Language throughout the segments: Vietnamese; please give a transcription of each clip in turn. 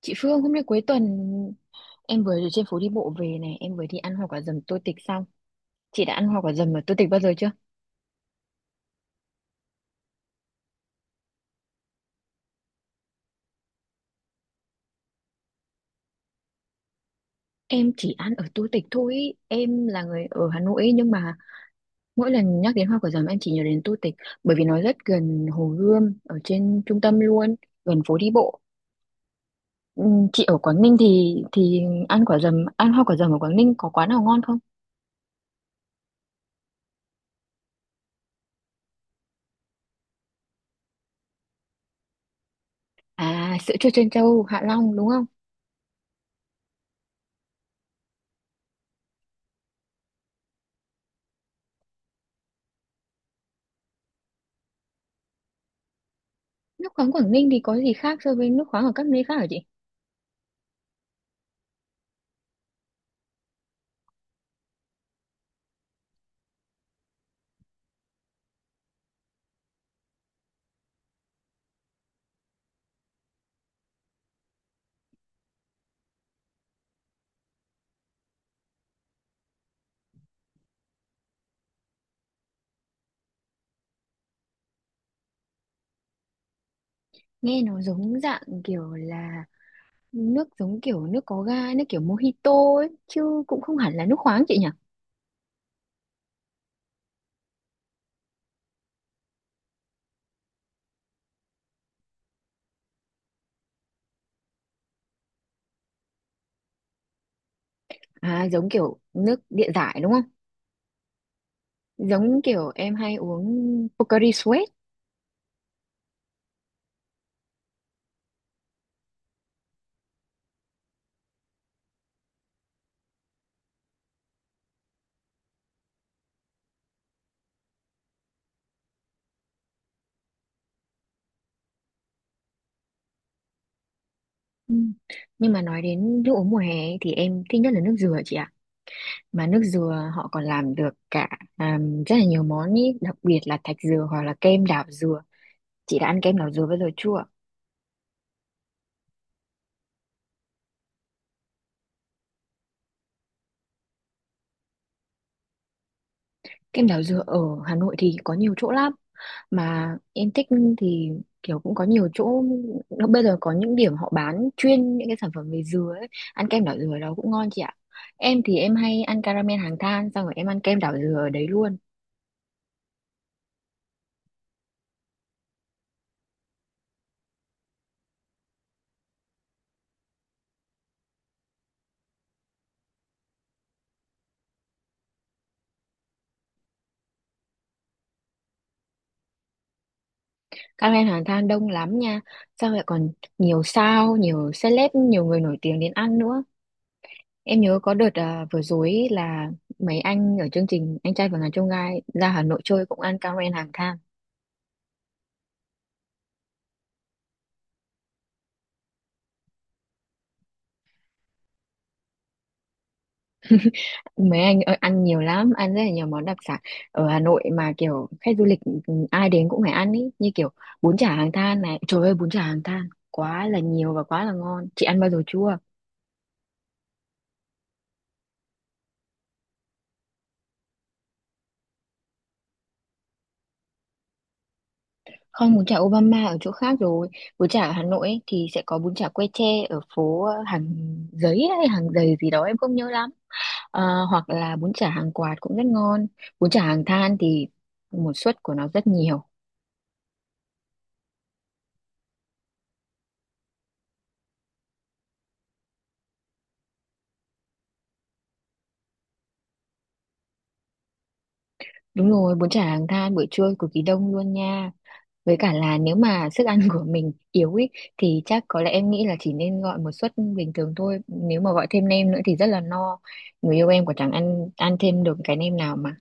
Chị Phương hôm nay cuối tuần em vừa ở trên phố đi bộ về này, em vừa đi ăn hoa quả dầm Tô Tịch xong. Chị đã ăn hoa quả dầm ở Tô Tịch bao giờ chưa? Em chỉ ăn ở Tô Tịch thôi. Em là người ở Hà Nội nhưng mà mỗi lần nhắc đến hoa quả dầm em chỉ nhớ đến Tô Tịch bởi vì nó rất gần Hồ Gươm ở trên trung tâm luôn, gần phố đi bộ. Chị ở Quảng Ninh thì ăn hoa quả dầm ở Quảng Ninh có quán nào ngon không? À, sữa chua trân châu Hạ Long đúng không? Nước khoáng Quảng Ninh thì có gì khác so với nước khoáng ở các nơi khác hả chị? Nghe nó giống dạng kiểu là nước, giống kiểu nước có ga, nước kiểu mojito ấy chứ cũng không hẳn là nước khoáng chị nhỉ? À, giống kiểu nước địa giải đúng không? Giống kiểu em hay uống Pocari Sweat. Ừ. Nhưng mà nói đến nước uống mùa hè ấy, thì em thích nhất là nước dừa chị ạ. Mà nước dừa họ còn làm được cả à, rất là nhiều món ý, đặc biệt là thạch dừa hoặc là kem đảo dừa. Chị đã ăn kem đảo dừa bao giờ chưa? Kem đảo dừa ở Hà Nội thì có nhiều chỗ lắm mà em thích thì kiểu cũng có nhiều chỗ. Nó bây giờ có những điểm họ bán chuyên những cái sản phẩm về dừa ấy. Ăn kem đảo dừa ở đó cũng ngon chị ạ. Em thì em hay ăn caramel hàng than xong rồi em ăn kem đảo dừa ở đấy luôn. Caramel hàng than đông lắm nha. Xong rồi còn nhiều sao, nhiều celeb, nhiều người nổi tiếng đến ăn nữa. Em nhớ có đợt vừa rồi ấy là mấy anh ở chương trình anh trai và ngàn chông gai ra Hà Nội chơi cũng ăn caramel hàng than. Mấy anh ơi, ăn nhiều lắm, ăn rất là nhiều món đặc sản ở Hà Nội mà kiểu khách du lịch, ai đến cũng phải ăn ý, như kiểu bún chả Hàng Than này. Trời ơi, bún chả Hàng Than quá là nhiều và quá là ngon. Chị ăn bao giờ chưa? Không, bún chả Obama ở chỗ khác rồi. Bún chả ở Hà Nội ấy, thì sẽ có bún chả que tre ở phố hàng giấy hay hàng giày gì đó em không nhớ lắm. Hoặc là bún chả hàng quạt cũng rất ngon. Bún chả Hàng Than thì một suất của nó rất nhiều. Đúng rồi, bún chả Hàng Than buổi trưa cực kỳ đông luôn nha. Với cả là nếu mà sức ăn của mình yếu ý, thì chắc có lẽ em nghĩ là chỉ nên gọi một suất bình thường thôi. Nếu mà gọi thêm nem nữa thì rất là no. Người yêu em còn chẳng ăn ăn thêm được cái nem nào mà.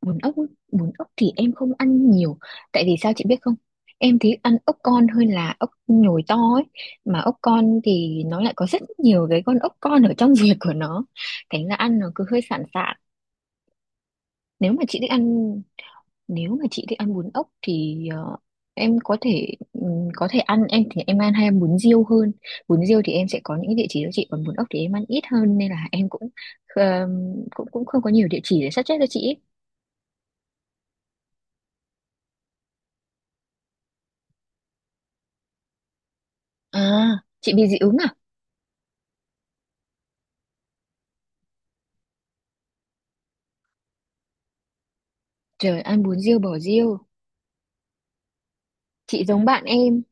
Bún ốc, ý, Bún ốc thì em không ăn nhiều. Tại vì sao chị biết không? Em thấy ăn ốc con hơn là ốc nhồi to ấy. Mà ốc con thì nó lại có rất nhiều cái con ốc con ở trong ruột của nó. Thành ra ăn nó cứ hơi sạn sạn. Nếu mà chị thích ăn Nếu mà chị thích ăn bún ốc thì em có thể có thể ăn, em thì em ăn hay ăn bún riêu hơn. Bún riêu thì em sẽ có những cái địa chỉ đó chị, còn bún ốc thì em ăn ít hơn nên là em cũng ờ, cũng cũng không có nhiều địa chỉ để suggest cho chị ý. À, chị bị dị ứng à? Trời, ăn bún riêu bỏ riêu. chị giống bạn em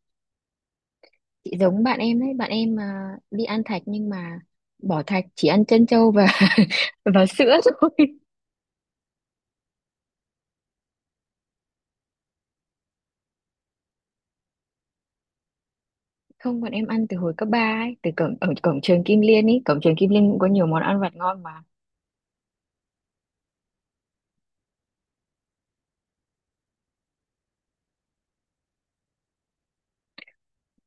chị giống bạn em đấy, bạn em mà đi ăn thạch nhưng mà bỏ thạch, chỉ ăn trân châu và và sữa thôi. Không, bọn em ăn từ hồi cấp 3 ấy, từ cổng ở cổng trường Kim Liên ấy, cổng trường Kim Liên cũng có nhiều món ăn vặt ngon mà.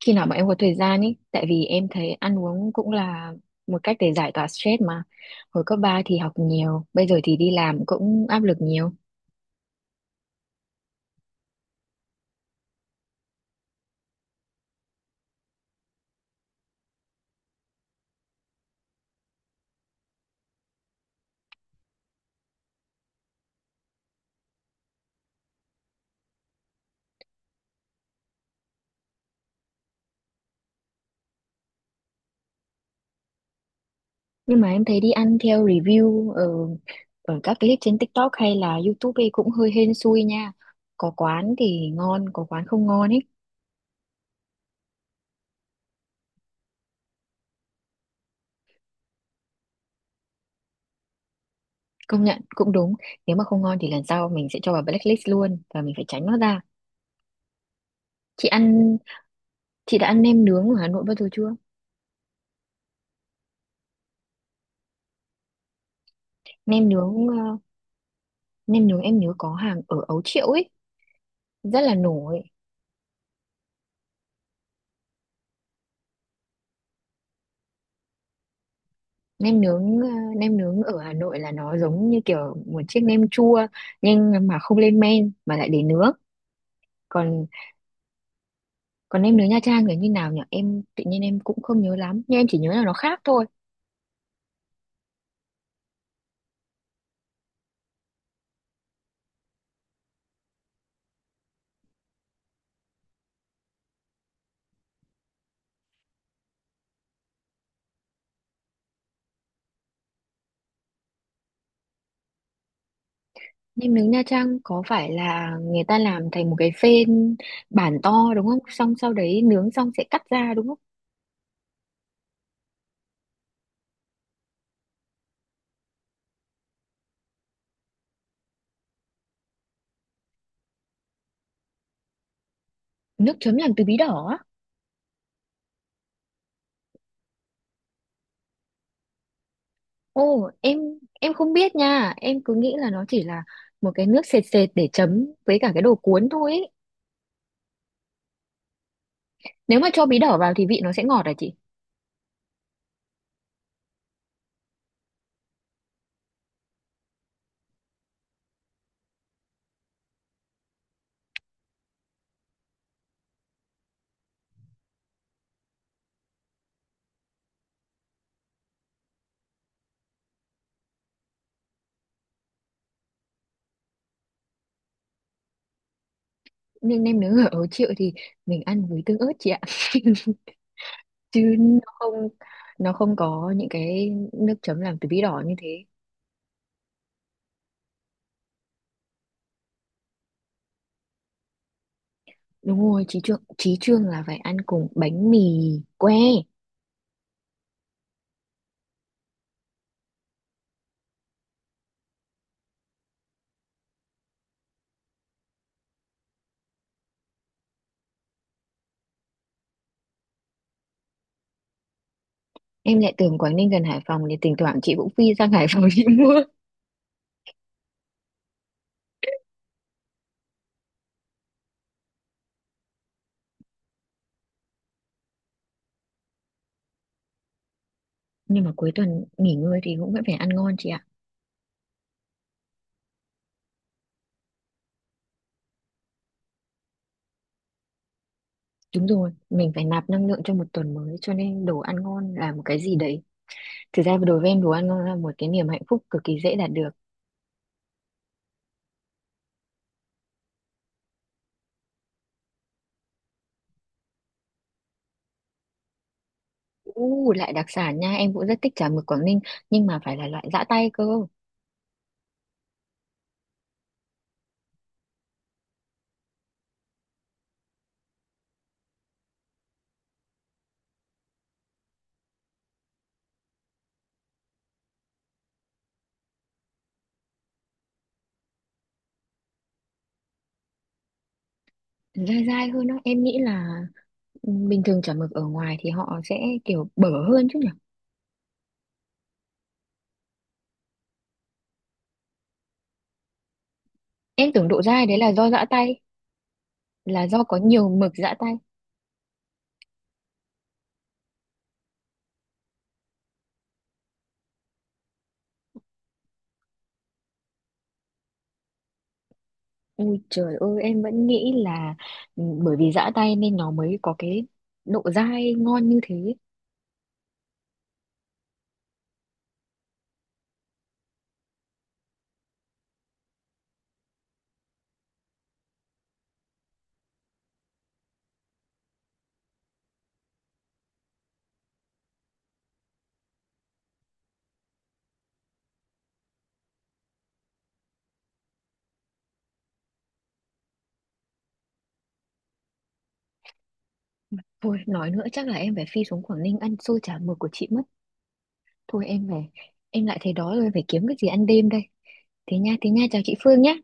Khi nào bọn em có thời gian ấy, tại vì em thấy ăn uống cũng là một cách để giải tỏa stress mà. Hồi cấp 3 thì học nhiều, bây giờ thì đi làm cũng áp lực nhiều. Nhưng mà em thấy đi ăn theo review ở ở các clip trên TikTok hay là YouTube ấy cũng hơi hên xui nha. Có quán thì ngon, có quán không ngon ấy. Công nhận cũng đúng, nếu mà không ngon thì lần sau mình sẽ cho vào blacklist luôn và mình phải tránh nó ra. Chị ăn Chị đã ăn nem nướng ở Hà Nội bao giờ chưa? Nem nướng ờ, Nem nướng em nhớ có hàng ở Ấu Triệu ấy, rất là nổi. Nem nướng ờ, Nem nướng ở Hà Nội là nó giống như kiểu một chiếc nem chua nhưng mà không lên men mà lại để nướng. Còn còn nem nướng Nha Trang là như nào nhỉ? Em tự nhiên em cũng không nhớ lắm, nhưng em chỉ nhớ là nó khác thôi. Nem nướng Nha Trang có phải là người ta làm thành một cái phên bản to đúng không? Xong sau đấy nướng xong sẽ cắt ra đúng không? Nước chấm làm từ bí đỏ á. Ồ, em không biết nha, em cứ nghĩ là nó chỉ là một cái nước sệt sệt để chấm với cả cái đồ cuốn thôi ấy. Nếu mà cho bí đỏ vào thì vị nó sẽ ngọt à chị? Nhưng nem nướng ở Ấu Triệu thì mình ăn với tương ớt chị ạ. Chứ nó không có những cái nước chấm làm từ bí đỏ như thế. Đúng rồi, chí trương là phải ăn cùng bánh mì que. Em lại tưởng Quảng Ninh gần Hải Phòng thì thỉnh thoảng chị cũng phi sang Hải Phòng chị mua. Nhưng mà cuối tuần nghỉ ngơi thì cũng vẫn phải ăn ngon chị ạ. Đúng rồi, mình phải nạp năng lượng cho một tuần mới cho nên đồ ăn ngon là một cái gì đấy. Thực ra đối với em đồ ăn ngon là một cái niềm hạnh phúc cực kỳ dễ đạt được. U lại đặc sản nha, em cũng rất thích chả mực Quảng Ninh nhưng mà phải là loại giã tay cơ. Dai dai hơn đó, em nghĩ là bình thường chả mực ở ngoài thì họ sẽ kiểu bở hơn chứ nhỉ. Em tưởng độ dai đấy là do giã tay, là do có nhiều mực giã tay. Ui trời ơi, em vẫn nghĩ là bởi vì giã tay nên nó mới có cái độ dai ngon như thế. Thôi nói nữa chắc là em phải phi xuống Quảng Ninh ăn xôi chả mực của chị mất. Thôi em về, em lại thấy đói rồi phải kiếm cái gì ăn đêm đây. Thế nha, chào chị Phương nhé.